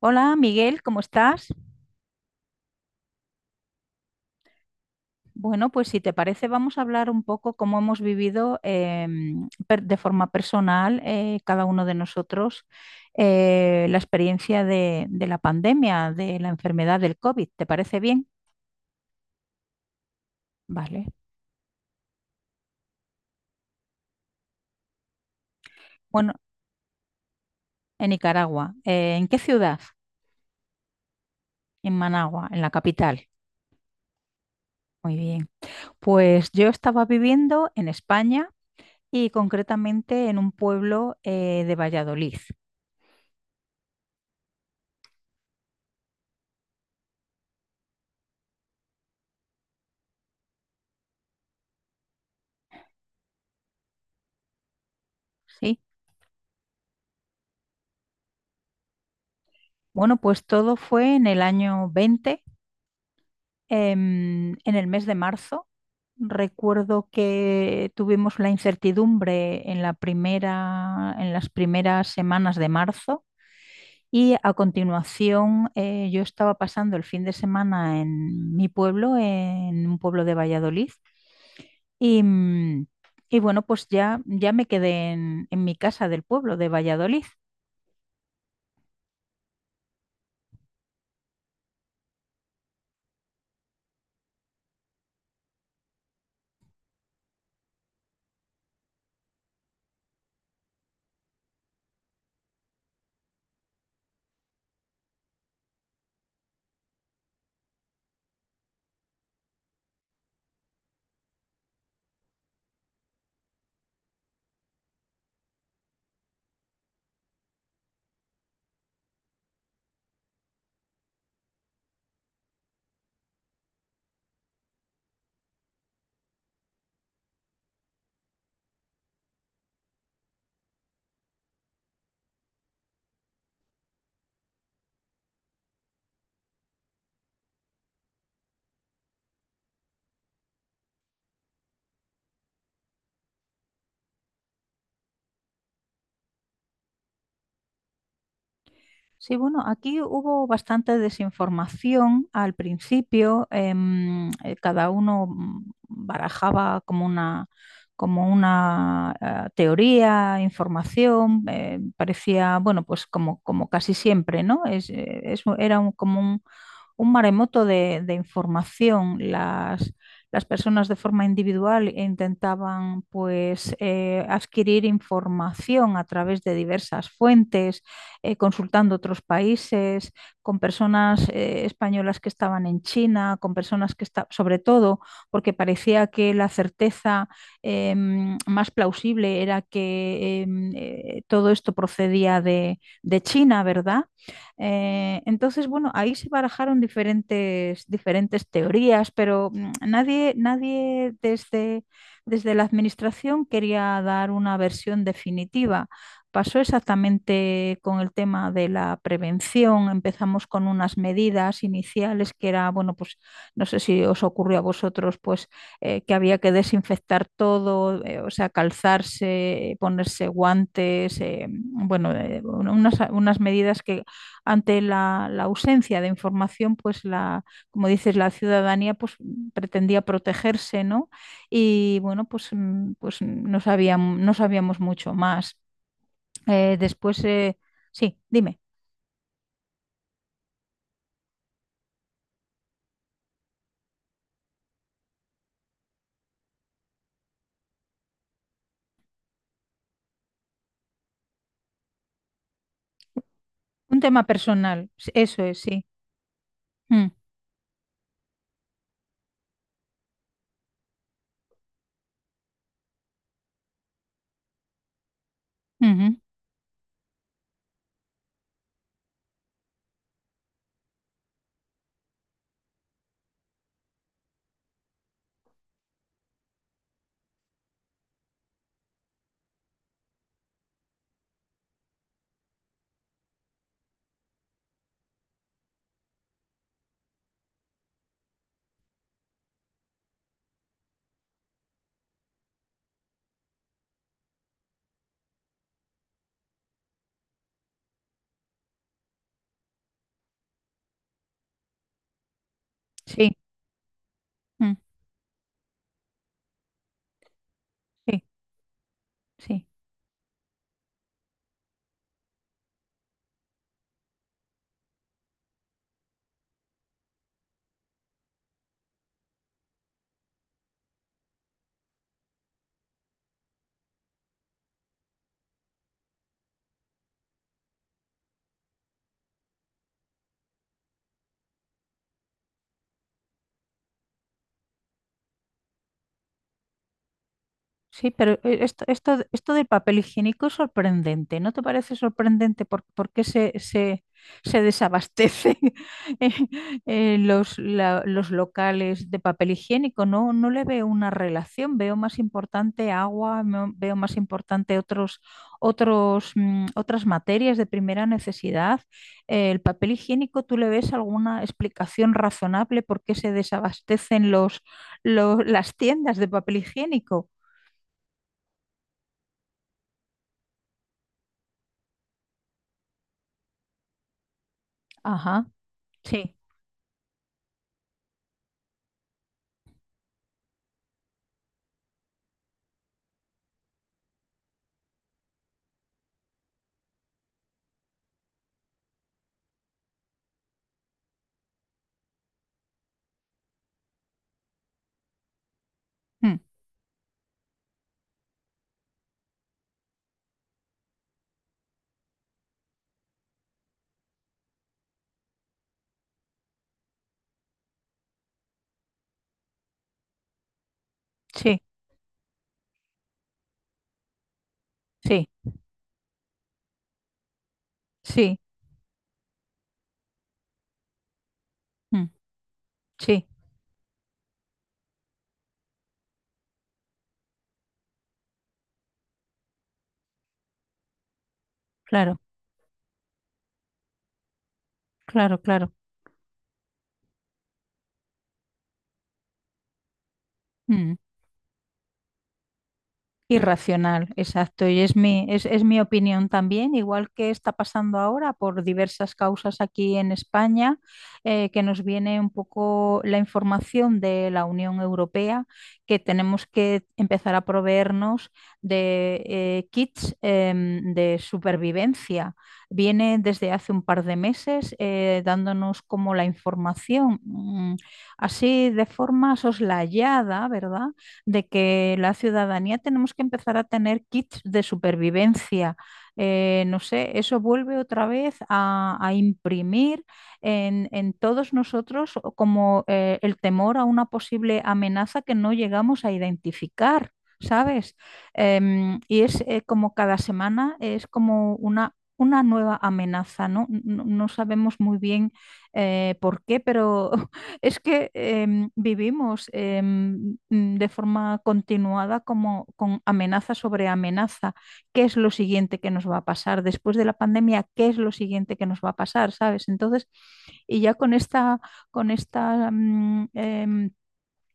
Hola Miguel, ¿cómo estás? Bueno, pues si te parece vamos a hablar un poco cómo hemos vivido de forma personal, cada uno de nosotros la experiencia de la pandemia, de la enfermedad del COVID. ¿Te parece bien? Vale. Bueno, en Nicaragua. ¿En qué ciudad? En Managua, en la capital. Muy bien. Pues yo estaba viviendo en España y concretamente en un pueblo de Valladolid. ¿Sí? Bueno, pues todo fue en el año 20, en el mes de marzo. Recuerdo que tuvimos la incertidumbre en la primera, en las primeras semanas de marzo y a continuación, yo estaba pasando el fin de semana en mi pueblo, en un pueblo de Valladolid. Y, mm, y bueno, pues ya me quedé en mi casa del pueblo de Valladolid. Sí, bueno, aquí hubo bastante desinformación al principio. Cada uno barajaba como una, como una, teoría, información. Eh, parecía, bueno, pues como, como casi siempre, ¿no? Como un maremoto de información. Las personas de forma individual intentaban, pues, adquirir información a través de diversas fuentes, consultando otros países, con personas, españolas, que estaban en China, con personas que estaban, sobre todo porque parecía que la certeza eh, más plausible era que, todo esto procedía de China, ¿verdad? Entonces, bueno, ahí se barajaron diferentes teorías, pero nadie desde, desde la administración quería dar una versión definitiva. Pasó exactamente con el tema de la prevención. Empezamos con unas medidas iniciales que era, bueno, pues no sé si os ocurrió a vosotros, pues, que había que desinfectar todo, o sea, calzarse, ponerse guantes, bueno, unas medidas que ante ausencia de información, pues la, como dices, la ciudadanía, pues, pretendía protegerse, ¿no? Y bueno, pues, mm, pues no sabíamos, no sabíamos mucho más. Después, sí, dime, un tema personal, s- eso es, sí. Mm, mm -hmm, sí, mm, sí, sí. Sí, pero, esto del papel higiénico es sorprendente. ¿No te parece sorprendente por qué se desabastecen eh, los, la- los locales de papel higiénico? No, no le veo una relación. Veo más importante agua, no- veo más importante otros, otros, otras materias de primera necesidad. El papel higiénico, ¿tú le ves alguna explicación razonable por qué se desabastecen los, las tiendas de papel higiénico? Ajá, sí, mm, sí, sí, sí, mm, sí, claro, claro, claro. Mm. Irracional, exacto. Y es mi opinión también, igual que está pasando ahora por diversas causas aquí en España, que nos viene un poco la información de la Unión Europea, que tenemos que empezar a proveernos de, kits, de supervivencia. Viene desde hace un par de meses, dándonos como la información, así, de forma soslayada, ¿verdad?, de que la ciudadanía tenemos que empezar a tener kits de supervivencia. No sé, eso vuelve otra vez a imprimir todos nosotros como, el temor a una posible amenaza que no llegamos a identificar. ¿Sabes? Y es, como cada semana, es como una nueva amenaza, ¿no? No, no sabemos muy bien, por qué, pero es que, vivimos, de forma continuada, como con amenaza sobre amenaza. ¿Qué es lo siguiente que nos va a pasar? Después de la pandemia, ¿qué es lo siguiente que nos va a pasar? ¿Sabes? Entonces, y ya con esta, con esta,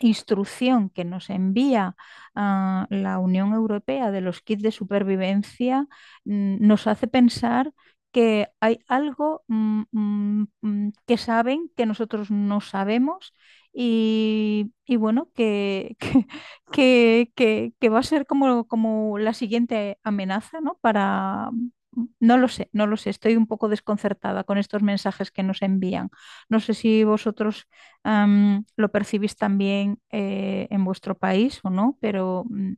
instrucción que nos envía, la Unión Europea, de los kits de supervivencia, nos hace pensar que hay algo, que saben que nosotros no sabemos, y bueno, que, que va a ser como, como la siguiente amenaza, ¿no? Para... mm, no lo sé, no lo sé, estoy un poco desconcertada con estos mensajes que nos envían. No sé si vosotros, ¿lo percibís también, en vuestro país o no? Pero mm,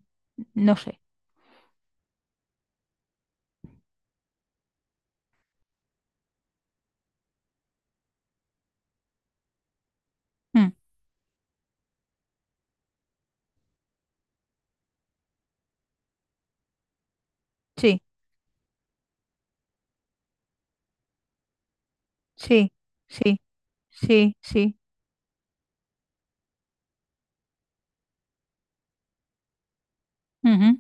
no sé. Mm, sí, sí, sí, sí, sí. Ujú,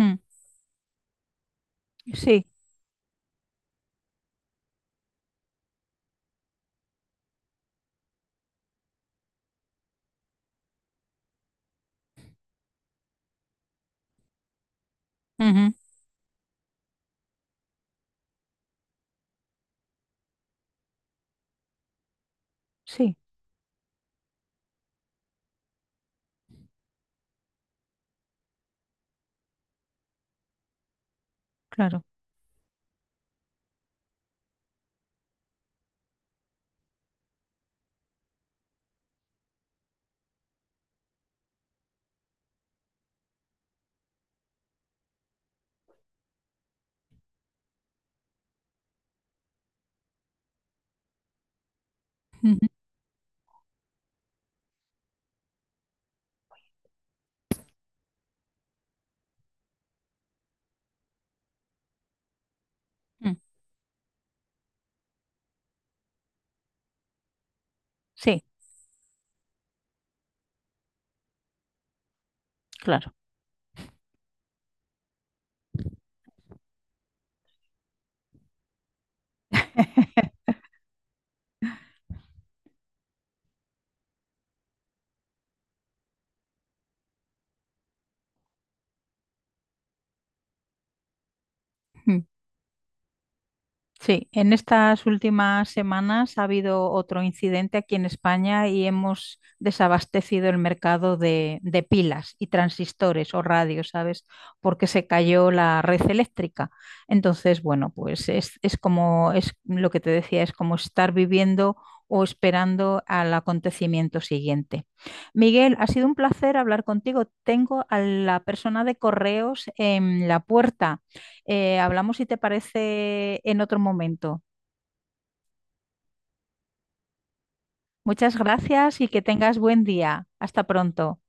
mm, sí, ujú, sí, claro. Ujú, mm, sí, claro. Sí, en estas últimas semanas ha habido otro incidente aquí en España y hemos desabastecido el mercado de pilas y transistores o radios, ¿sabes? Porque se cayó la red eléctrica. Entonces, bueno, pues es como es lo que te decía, es como estar viviendo o esperando al acontecimiento siguiente. Miguel, ha sido un placer hablar contigo. Tengo a la persona de correos en la puerta. Hablamos si te parece en otro momento. Muchas gracias y que tengas buen día. Hasta pronto.